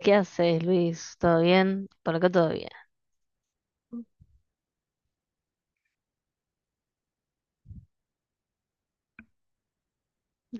¿Qué haces, Luis? ¿Todo bien? Por acá todo bien.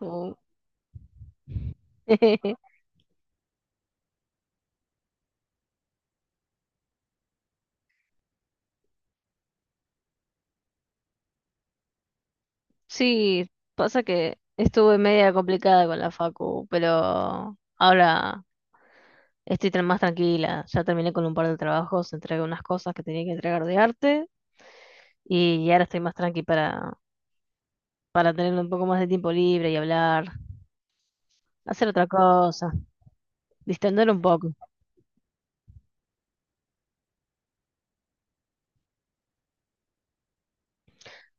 Uh. Sí, pasa que estuve media complicada con la facu, pero ahora estoy más tranquila. Ya terminé con un par de trabajos, entregué unas cosas que tenía que entregar de arte y ahora estoy más tranqui para tener un poco más de tiempo libre y hablar, hacer otra cosa, distender un poco.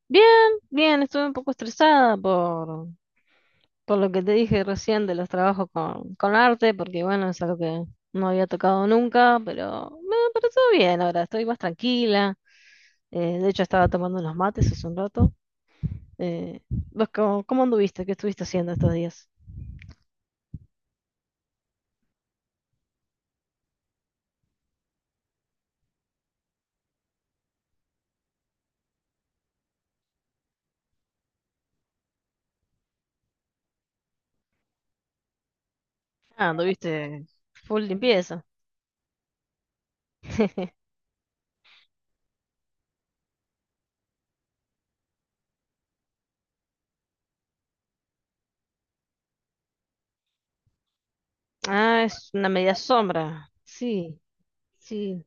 Bien, bien, estuve un poco estresada por lo que te dije recién de los trabajos con arte, porque bueno, es algo que no había tocado nunca, pero me pareció bien ahora, estoy más tranquila. De hecho, estaba tomando unos mates hace un rato. ¿Vos cómo anduviste? ¿Qué estuviste haciendo estos días? Ah, anduviste full limpieza. Ah, es una media sombra. Sí, sí,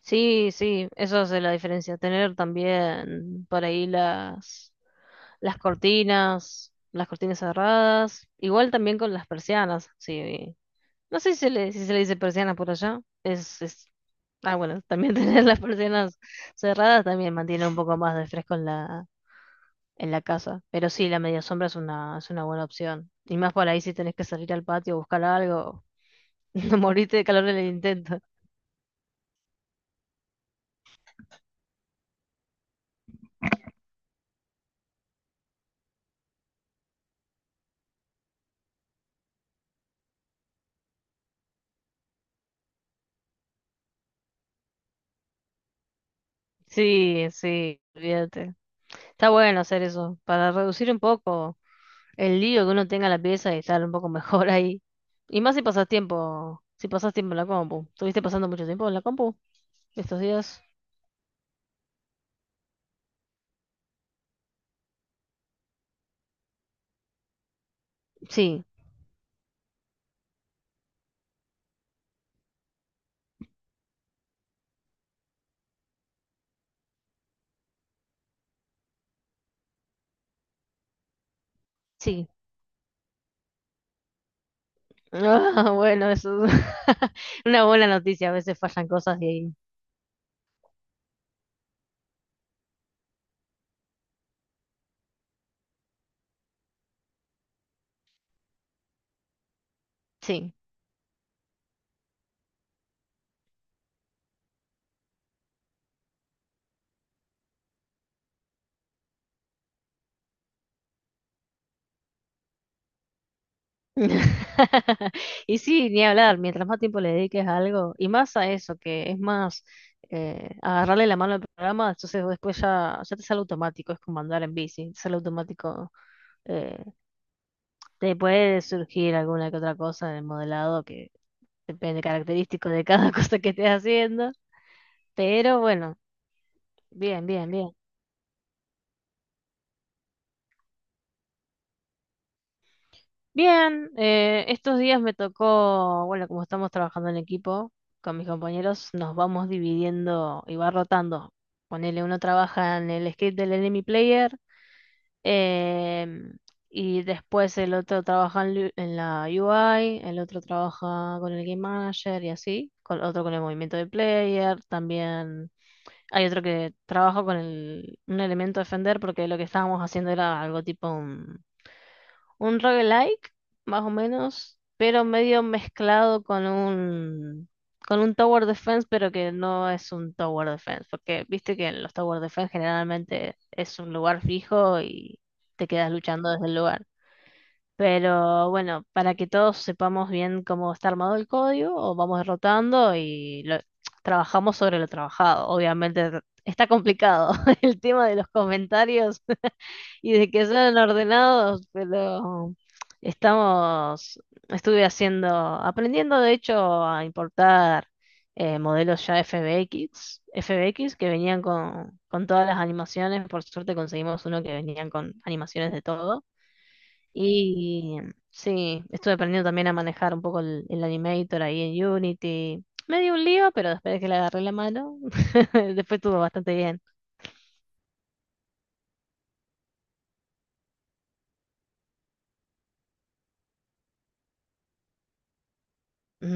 sí, sí, eso es la diferencia. Tener también por ahí las cortinas cerradas, igual también con las persianas, sí. No sé si se le dice persiana por allá. Es. Ah, bueno, también tener las persianas cerradas también mantiene un poco más de fresco en la casa. Pero sí, la media sombra es una, buena opción. Y más por ahí si tenés que salir al patio a buscar algo, no morirte de calor en el intento. Sí, sí, olvídate. Está bueno hacer eso, para reducir un poco. El lío que uno tenga en la pieza y estar un poco mejor ahí. Y más si pasas tiempo en la compu. ¿Estuviste pasando mucho tiempo en la compu estos días? Sí, sí. Ah, bueno, eso es una buena noticia. A veces fallan cosas y ahí. Sí. Y sí, ni hablar. Mientras más tiempo le dediques a algo, y más a eso, que es más agarrarle la mano al programa, entonces después ya te sale automático. Es como andar en bici, te sale automático eh, Te puede surgir alguna que otra cosa en el modelado que depende característico de cada cosa que estés haciendo. Pero bueno, bien, bien, bien. Bien, estos días me tocó, bueno, como estamos trabajando en equipo con mis compañeros, nos vamos dividiendo y va rotando. Ponele, uno trabaja en el script del enemy player. Em, y después el otro trabaja en la UI, el otro trabaja con el Game Manager y así, otro con el movimiento del player, también hay otro que trabaja con un elemento de Fender porque lo que estábamos haciendo era algo tipo un roguelike, más o menos, pero medio mezclado con un tower defense, pero que no es un tower defense, porque viste que en los tower defense generalmente es un lugar fijo y te quedas luchando desde el lugar. Pero bueno, para que todos sepamos bien cómo está armado el código, o vamos derrotando y trabajamos sobre lo trabajado. Obviamente está complicado el tema de los comentarios y de que son ordenados, pero estamos, estuve aprendiendo de hecho a importar modelos ya FBX que venían con todas las animaciones, por suerte conseguimos uno que venían con animaciones de todo. Y sí, estuve aprendiendo también a manejar un poco el Animator ahí en Unity. Me dio un lío, pero después de que le agarré la mano, después estuvo bastante bien.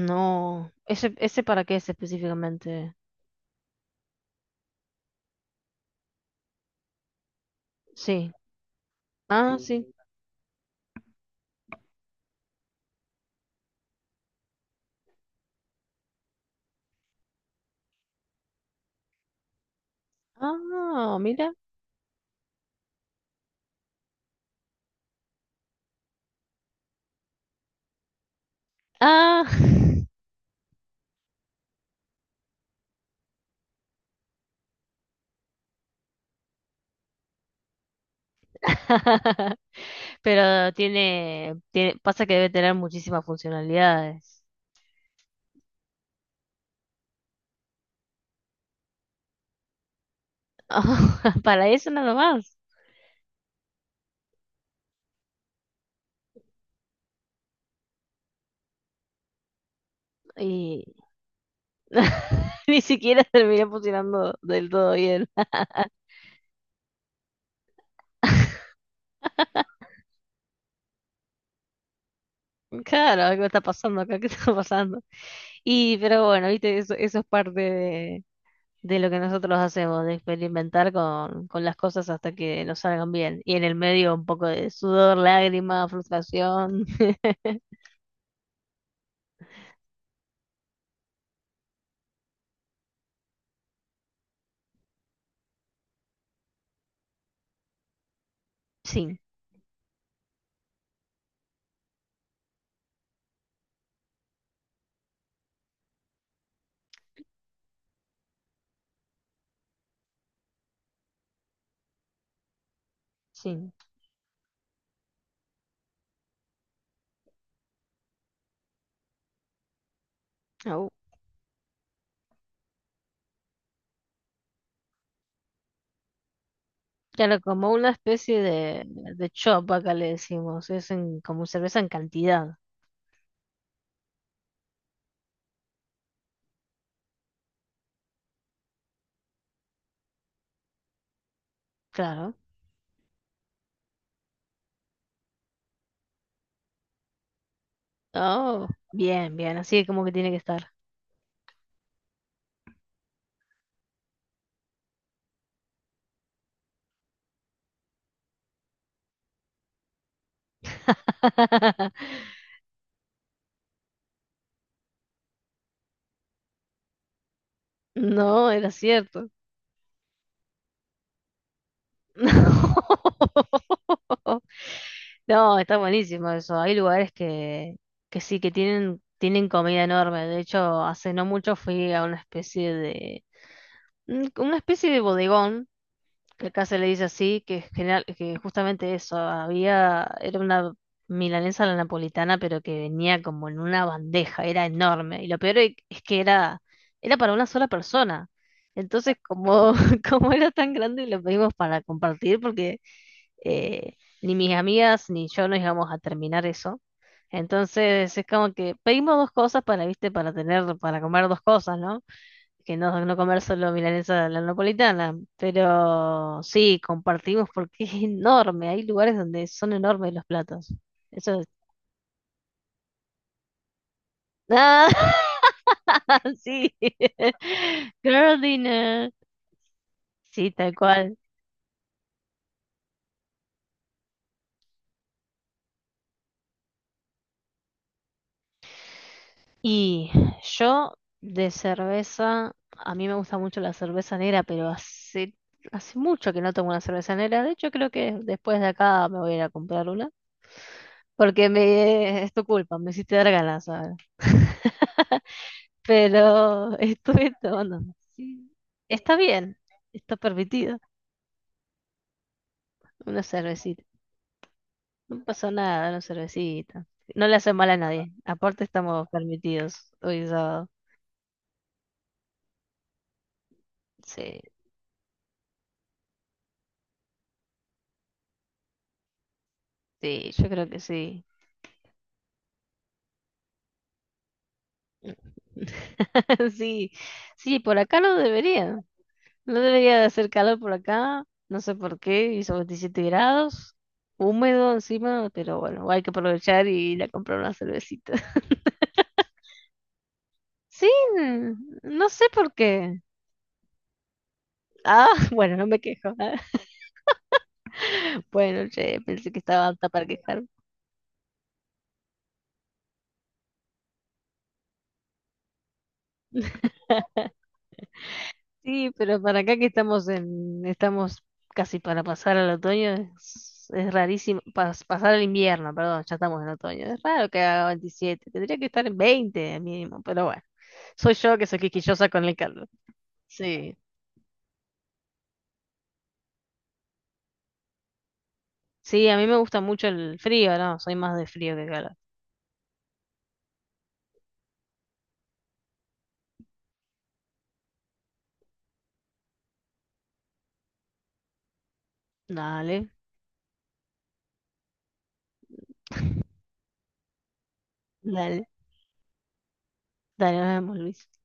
No, ese para qué es específicamente. Sí. Ah, Mm, sí. Ah, mira. Ah. Pero tiene, pasa que debe tener muchísimas funcionalidades. Para eso nada más. Y ni siquiera terminé funcionando del todo bien. Claro, algo está pasando acá, ¿qué está pasando? Pero bueno, viste, eso es parte de lo que nosotros hacemos, de experimentar con las cosas hasta que nos salgan bien. Y en el medio un poco de sudor, lágrimas, frustración. Sí, sí. Au. Claro, como una especie de chop acá le decimos, es como cerveza en cantidad, claro. Oh, bien, bien, así como que tiene que estar. No, era cierto. No. No, está buenísimo eso. Hay lugares que sí, que tienen comida enorme. De hecho, hace no mucho fui a una especie de bodegón, que acá se le dice así, que es general, que justamente eso, era una milanesa a la napolitana, pero que venía como en una bandeja, era enorme. Y lo peor es que era para una sola persona. Entonces, como era tan grande, lo pedimos para compartir, porque eh, ni mis amigas ni yo nos íbamos a terminar eso. Entonces es como que pedimos dos cosas para, viste, para tener, para comer dos cosas, ¿no? Que no, no comer solo milanesa de la napolitana. Pero sí, compartimos porque es enorme. Hay lugares donde son enormes los platos. Eso es. Ah, sí. Girl dinner. Sí, tal cual. Y yo de cerveza, a mí me gusta mucho la cerveza negra, pero hace mucho que no tomo una cerveza negra. De hecho, creo que después de acá me voy a ir a comprar una, porque es tu culpa, me hiciste dar ganas ahora. Pero estuve tomando. Sí, está bien, está permitido. Una cervecita. No pasa nada, una cervecita. No le hace mal a nadie. Aparte estamos permitidos hoy sábado. Sí, sí, yo creo que sí. Sí, sí, por acá no debería. No debería de hacer calor por acá. No sé por qué. Hizo 27 grados, húmedo encima, pero bueno, hay que aprovechar y ir a comprar una cervecita. Sí, no sé por qué. Ah, bueno, no me quejo. Bueno, che, pensé que estaba apta para quejarme. Sí, pero para acá que estamos estamos casi para pasar al otoño, es rarísimo, pasar al invierno, perdón, ya estamos en otoño, es raro que haga 27 tendría que estar en 20 mínimo, pero bueno, soy yo que soy quisquillosa con el calor. Sí, sí, a mí me gusta mucho el frío, no, soy más de frío que calor. Dale, dale, dale, nos vemos, Luis.